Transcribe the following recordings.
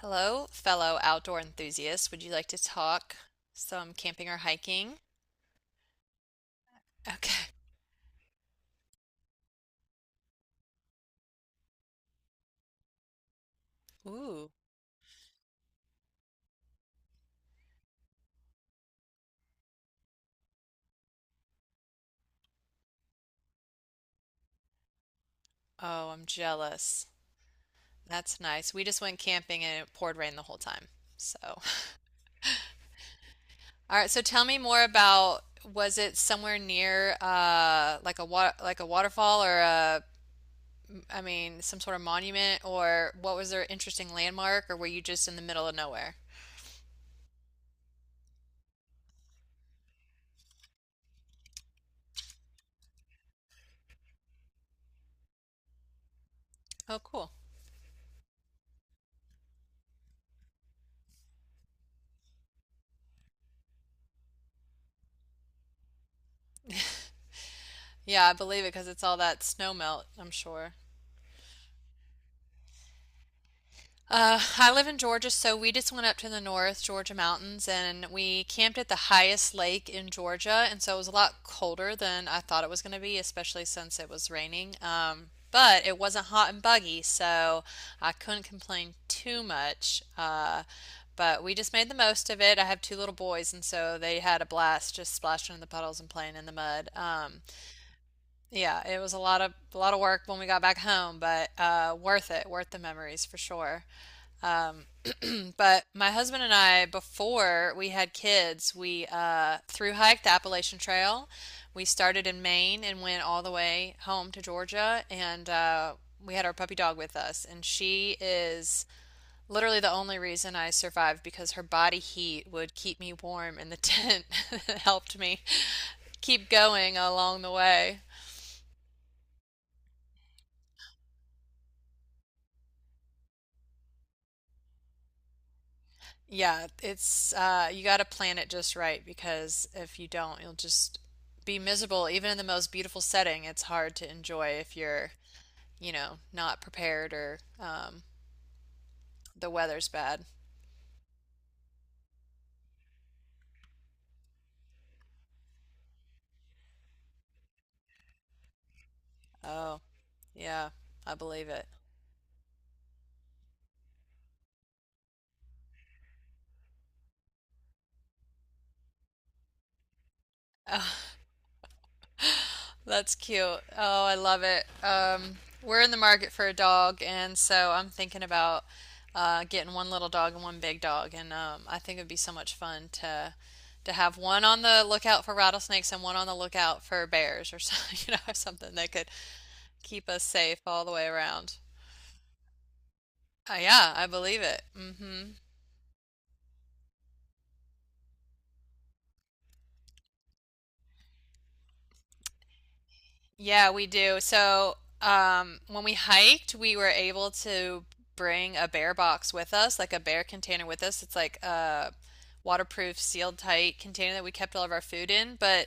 Hello, fellow outdoor enthusiasts. Would you like to talk some camping or hiking? Okay. Ooh. Oh, I'm jealous. That's nice. We just went camping and it poured rain the whole time. So, all right. So tell me more about, was it somewhere near like a wa like a waterfall or a, I mean, some sort of monument, or what was their interesting landmark, or were you just in the middle of nowhere? Oh, cool. Yeah, I believe it because it's all that snow melt, I'm sure. I live in Georgia, so we just went up to the North Georgia mountains and we camped at the highest lake in Georgia. And so it was a lot colder than I thought it was going to be, especially since it was raining. But it wasn't hot and buggy, so I couldn't complain too much. But we just made the most of it. I have two little boys, and so they had a blast just splashing in the puddles and playing in the mud. Yeah, it was a lot of work when we got back home, but worth it, worth the memories for sure. But my husband and I, before we had kids, we thru hiked the Appalachian Trail. We started in Maine and went all the way home to Georgia, and we had our puppy dog with us. And she is literally the only reason I survived because her body heat would keep me warm in the tent. It helped me keep going along the way. Yeah, it's you got to plan it just right because if you don't, you'll just be miserable. Even in the most beautiful setting, it's hard to enjoy if you're, not prepared, or the weather's bad. Oh, yeah, I believe it. That's cute. Oh, I love it. We're in the market for a dog, and so I'm thinking about getting one little dog and one big dog, and I think it'd be so much fun to have one on the lookout for rattlesnakes and one on the lookout for bears, or something, something that could keep us safe all the way around. Yeah, I believe it. Hmm. Yeah, we do. So, when we hiked, we were able to bring a bear box with us, like a bear container with us. It's like a waterproof, sealed tight container that we kept all of our food in. But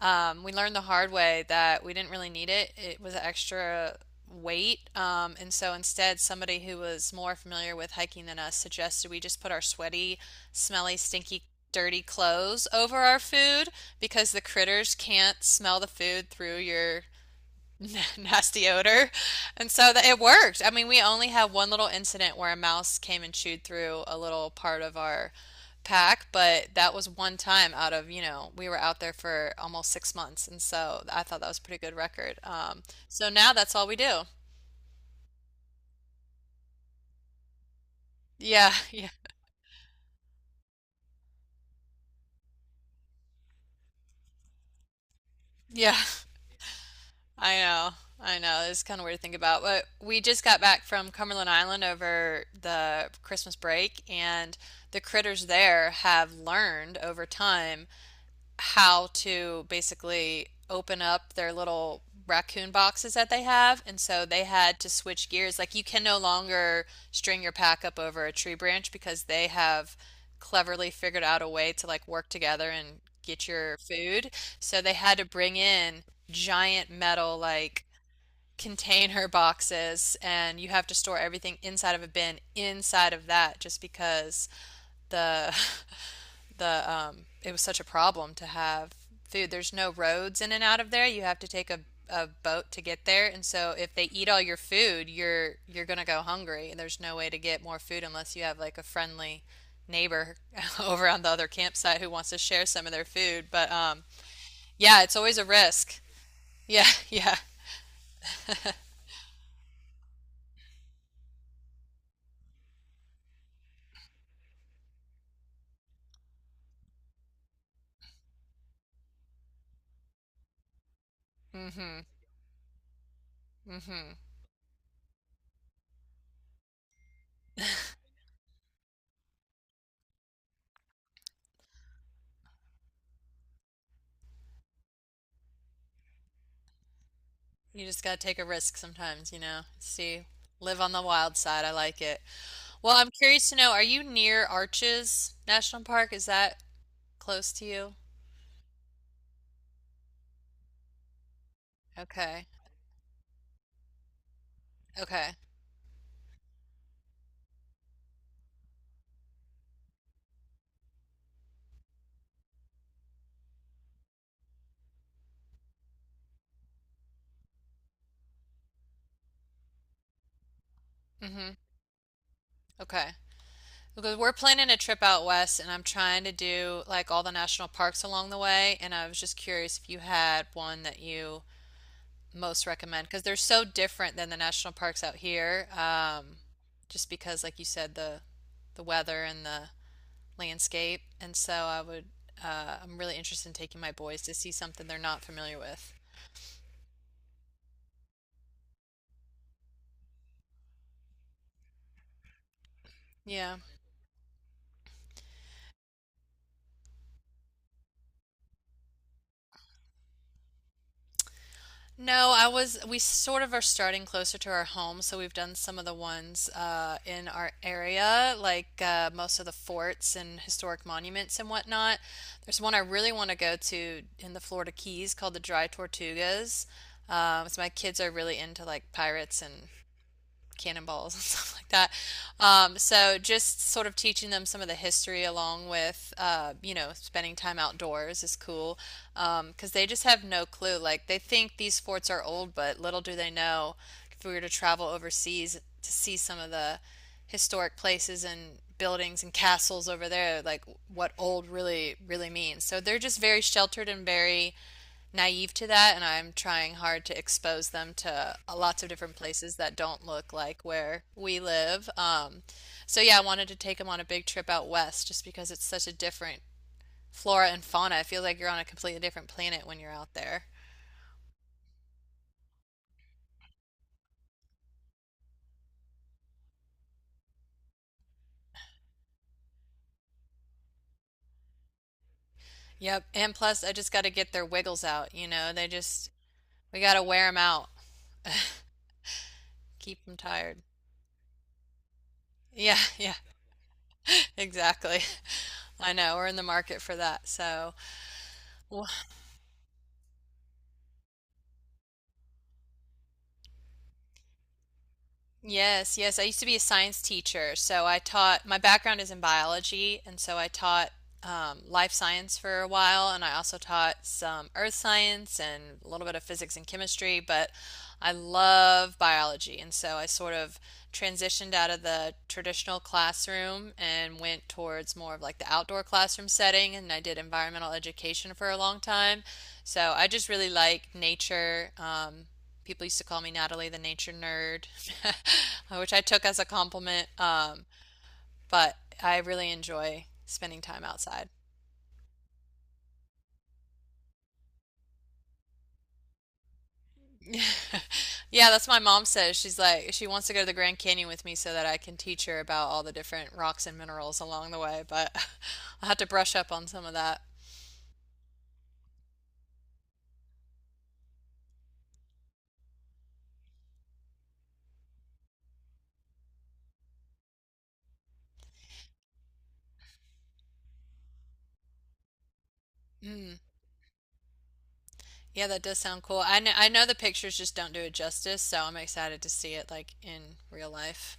we learned the hard way that we didn't really need it. It was an extra weight. And so instead, somebody who was more familiar with hiking than us suggested we just put our sweaty, smelly, stinky, dirty clothes over our food because the critters can't smell the food through your nasty odor. And so that it worked. I mean, we only had one little incident where a mouse came and chewed through a little part of our pack, but that was one time out of, we were out there for almost six months. And so I thought that was a pretty good record. So now that's all we do. Yeah, yeah. I know. I know. It's kind of weird to think about. But we just got back from Cumberland Island over the Christmas break, and the critters there have learned over time how to basically open up their little raccoon boxes that they have. And so they had to switch gears. Like, you can no longer string your pack up over a tree branch because they have cleverly figured out a way to like work together and get your food. So they had to bring in giant metal like container boxes, and you have to store everything inside of a bin inside of that just because the the it was such a problem to have food. There's no roads in and out of there. You have to take a boat to get there. And so if they eat all your food, you're gonna go hungry, and there's no way to get more food unless you have like a friendly neighbor over on the other campsite who wants to share some of their food. But yeah, it's always a risk. Yeah, yeah. Mm-hmm. Mm-hmm. You just gotta take a risk sometimes, you know. See, live on the wild side. I like it. Well, I'm curious to know, are you near Arches National Park? Is that close to you? Okay. Okay. Hmm. Okay. Because we're planning a trip out west and I'm trying to do like all the national parks along the way, and I was just curious if you had one that you most recommend because they're so different than the national parks out here. Just because like you said, the weather and the landscape, and so I would, I'm really interested in taking my boys to see something they're not familiar with. Yeah. No, I was, we sort of are starting closer to our home, so we've done some of the ones in our area, like most of the forts and historic monuments and whatnot. There's one I really want to go to in the Florida Keys called the Dry Tortugas. So my kids are really into like pirates and cannonballs and stuff like that. So just sort of teaching them some of the history along with, you know, spending time outdoors is cool because they just have no clue. Like, they think these forts are old, but little do they know if we were to travel overseas to see some of the historic places and buildings and castles over there, like what old really means. So they're just very sheltered and very naive to that, and I'm trying hard to expose them to lots of different places that don't look like where we live. So yeah, I wanted to take them on a big trip out west just because it's such a different flora and fauna. It feels like you're on a completely different planet when you're out there. Yep, and plus I just got to get their wiggles out, you know. They just, we got to wear them out, keep them tired. Yeah, yeah, exactly. I know, we're in the market for that. So, yes, yes. I used to be a science teacher, so I taught, my background is in biology, and so I taught life science for a while, and I also taught some earth science and a little bit of physics and chemistry, but I love biology, and so I sort of transitioned out of the traditional classroom and went towards more of like the outdoor classroom setting, and I did environmental education for a long time. So I just really like nature. People used to call me Natalie the nature nerd, which I took as a compliment. But I really enjoy spending time outside. Yeah, that's what my mom says. She's like, she wants to go to the Grand Canyon with me so that I can teach her about all the different rocks and minerals along the way, but I'll have to brush up on some of that. Mm, yeah, that does sound cool. I know the pictures just don't do it justice, so I'm excited to see it like in real life.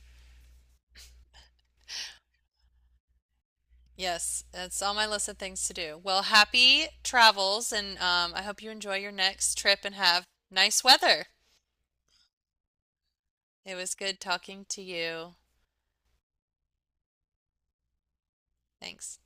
Yes, that's on my list of things to do. Well, happy travels, and I hope you enjoy your next trip and have nice weather. It was good talking to you. Thanks.